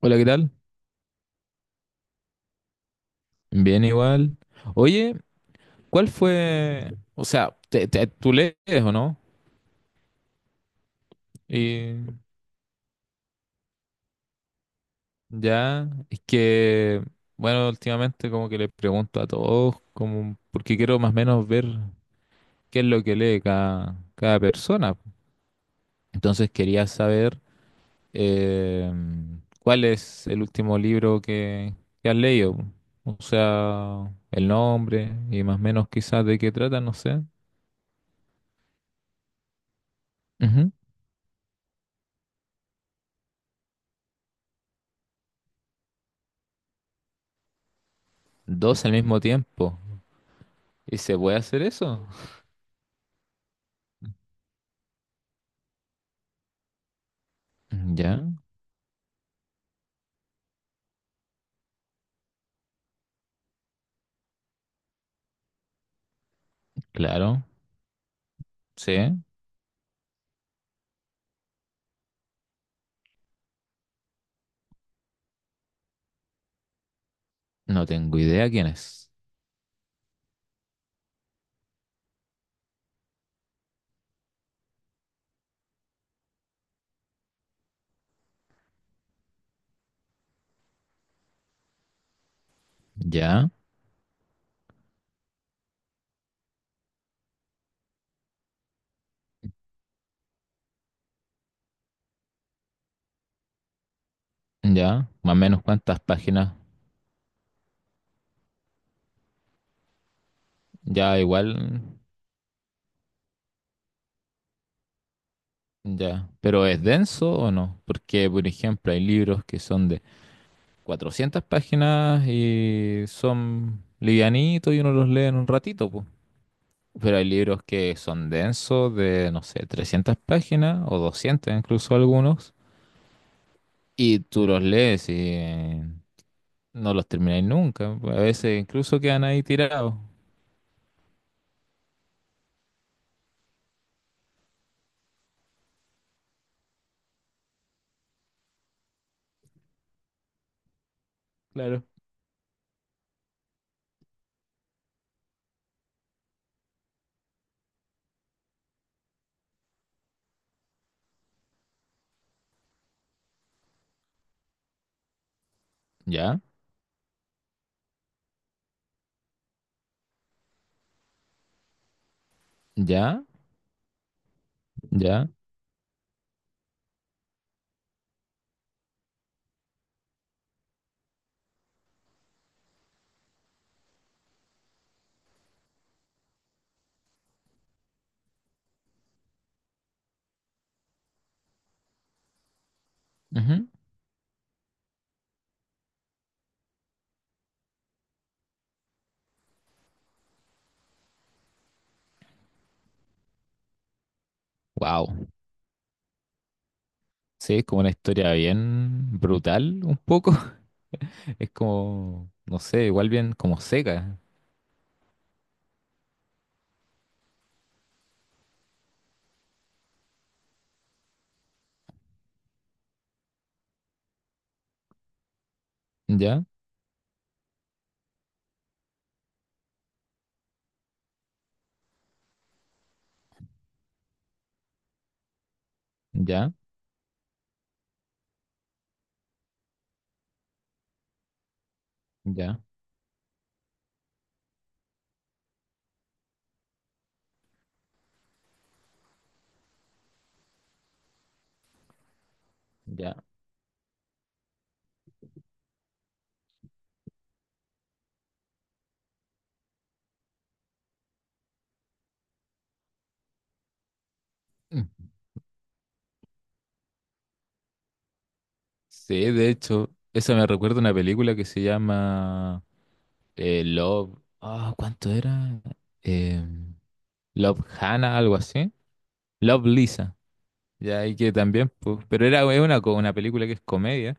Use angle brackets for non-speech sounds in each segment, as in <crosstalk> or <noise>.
Hola, ¿qué tal? Bien, igual. Oye, ¿cuál fue? O sea, tú lees o no? Y ya, es que, bueno, últimamente como que le pregunto a todos, como, porque quiero más o menos ver qué es lo que lee cada persona. Entonces quería saber eh, cuál es el último libro que has leído. O sea, el nombre y más o menos quizás de qué trata, no sé. Ujú. Dos al mismo tiempo. ¿Y se puede hacer eso? Ya, claro, sí. No tengo idea quién es. Ya, ya, más o menos cuántas páginas. Ya, igual, ya. Pero ¿es denso o no? Porque, por ejemplo, hay libros que son de 400 páginas y son livianitos y uno los lee en un ratito, pues. Pero hay libros que son densos de, no sé, 300 páginas o 200 incluso algunos. Y tú los lees y no los termináis nunca. A veces incluso quedan ahí tirados. Claro. Ya, ya, ya. Wow. Sí, es como una historia bien brutal, un poco. <laughs> Es como, no sé, igual bien como seca. Ya, ya, ya, ya. Mm. Sí, de hecho, esa me recuerda a una película que se llama Love. Ah, ¿cuánto era? Eh, Love Hannah, algo así. Love Lisa. Ya, y que también, pues, pero era es una, una película que es comedia,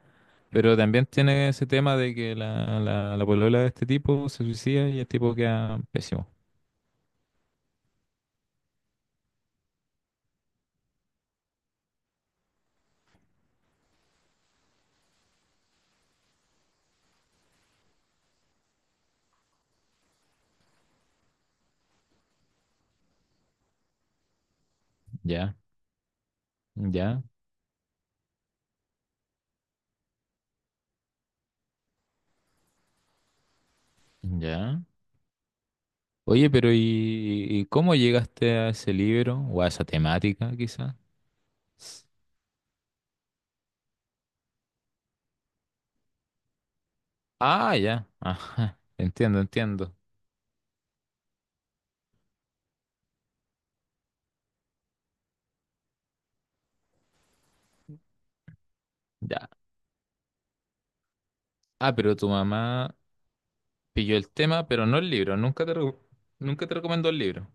pero también tiene ese tema de que la polola de este tipo se suicida y el tipo queda pésimo. Ya, ya, ya. Oye, pero y cómo llegaste a ese libro o a esa temática, quizás? Ah, ya, <laughs> ajá, entiendo, entiendo. Ya. Ah, pero tu mamá pilló el tema, pero no el libro, nunca te recomendó el libro.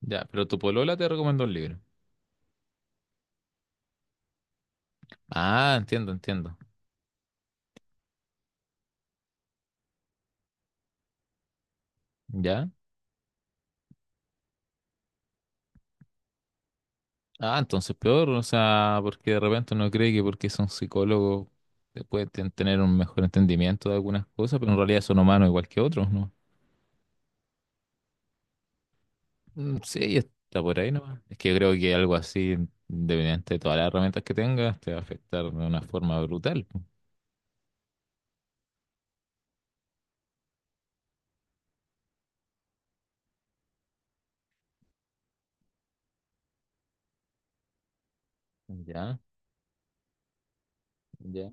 Ya, pero tu polola te recomendó el libro. Ah, entiendo, entiendo. ¿Ya? Ah, entonces peor, o sea, porque de repente uno cree que porque son psicólogos pueden tener un mejor entendimiento de algunas cosas, pero en realidad son humanos igual que otros, ¿no? Mm, sí, está por ahí nomás. Es que yo creo que algo así, independiente de todas las herramientas que tengas, te va a afectar de una forma brutal, po. Ya, ya.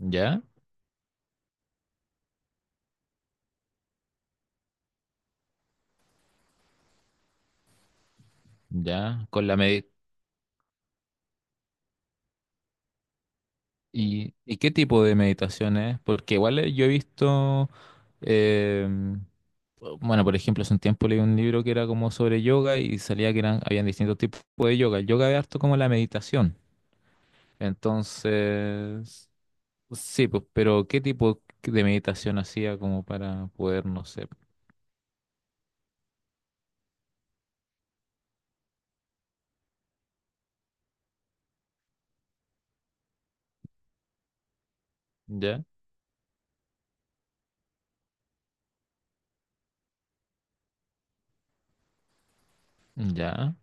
Ya, ya, ¿Y, y qué tipo de meditación es? Porque igual yo he visto... em, Bueno, por ejemplo, hace un tiempo leí un libro que era como sobre yoga y salía que eran, habían distintos tipos de yoga. El yoga es harto como la meditación. Entonces, sí, pues, pero ¿qué tipo de meditación hacía como para poder, no sé, ya, ya,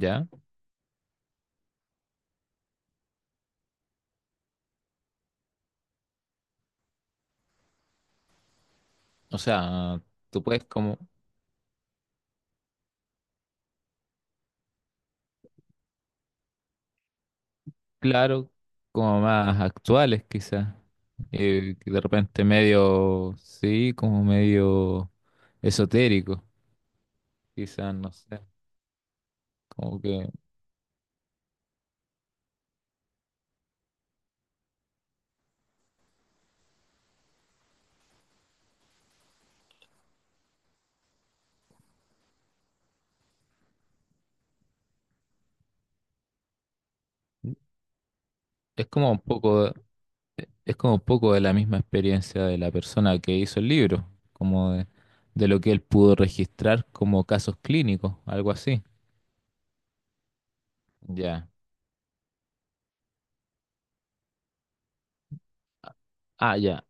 ya? O sea, tú puedes como, claro, como más actuales quizás, que de repente medio, sí, como medio esotérico, quizás, no sé, como que es como un poco... Es como un poco de la misma experiencia de la persona que hizo el libro, como de lo que él pudo registrar como casos clínicos, algo así. Ya. Ah, ya.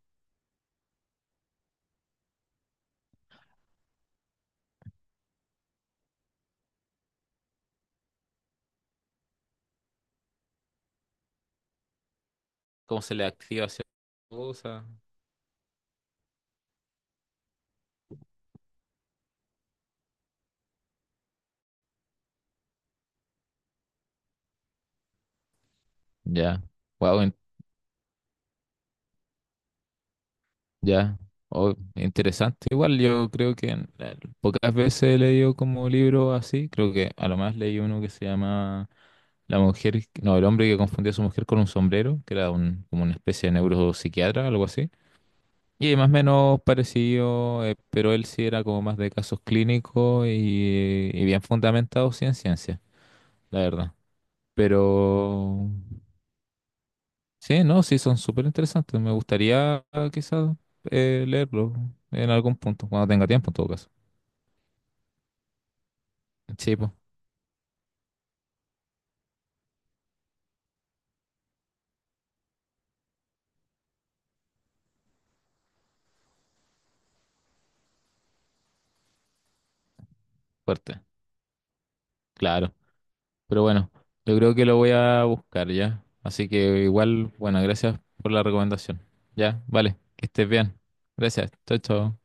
¿Cómo se le activa cierta cosa? Ya. Wow, ya. Oh, interesante. Igual yo creo que pocas veces he leído como libro así. Creo que a lo más leí uno que se llama La mujer, no, el hombre que confundió a su mujer con un sombrero, que era un, como una especie de neuropsiquiatra, algo así. Y más o menos parecido, pero él sí era como más de casos clínicos y bien fundamentado sí en ciencia, la verdad. Pero sí, no, sí son súper interesantes. Me gustaría quizás leerlo en algún punto, cuando tenga tiempo en todo caso. Sí, pues, fuerte, claro. Pero bueno, yo creo que lo voy a buscar ya. Así que igual, bueno, gracias por la recomendación. Ya, vale, que estés bien. Gracias, chao, chao.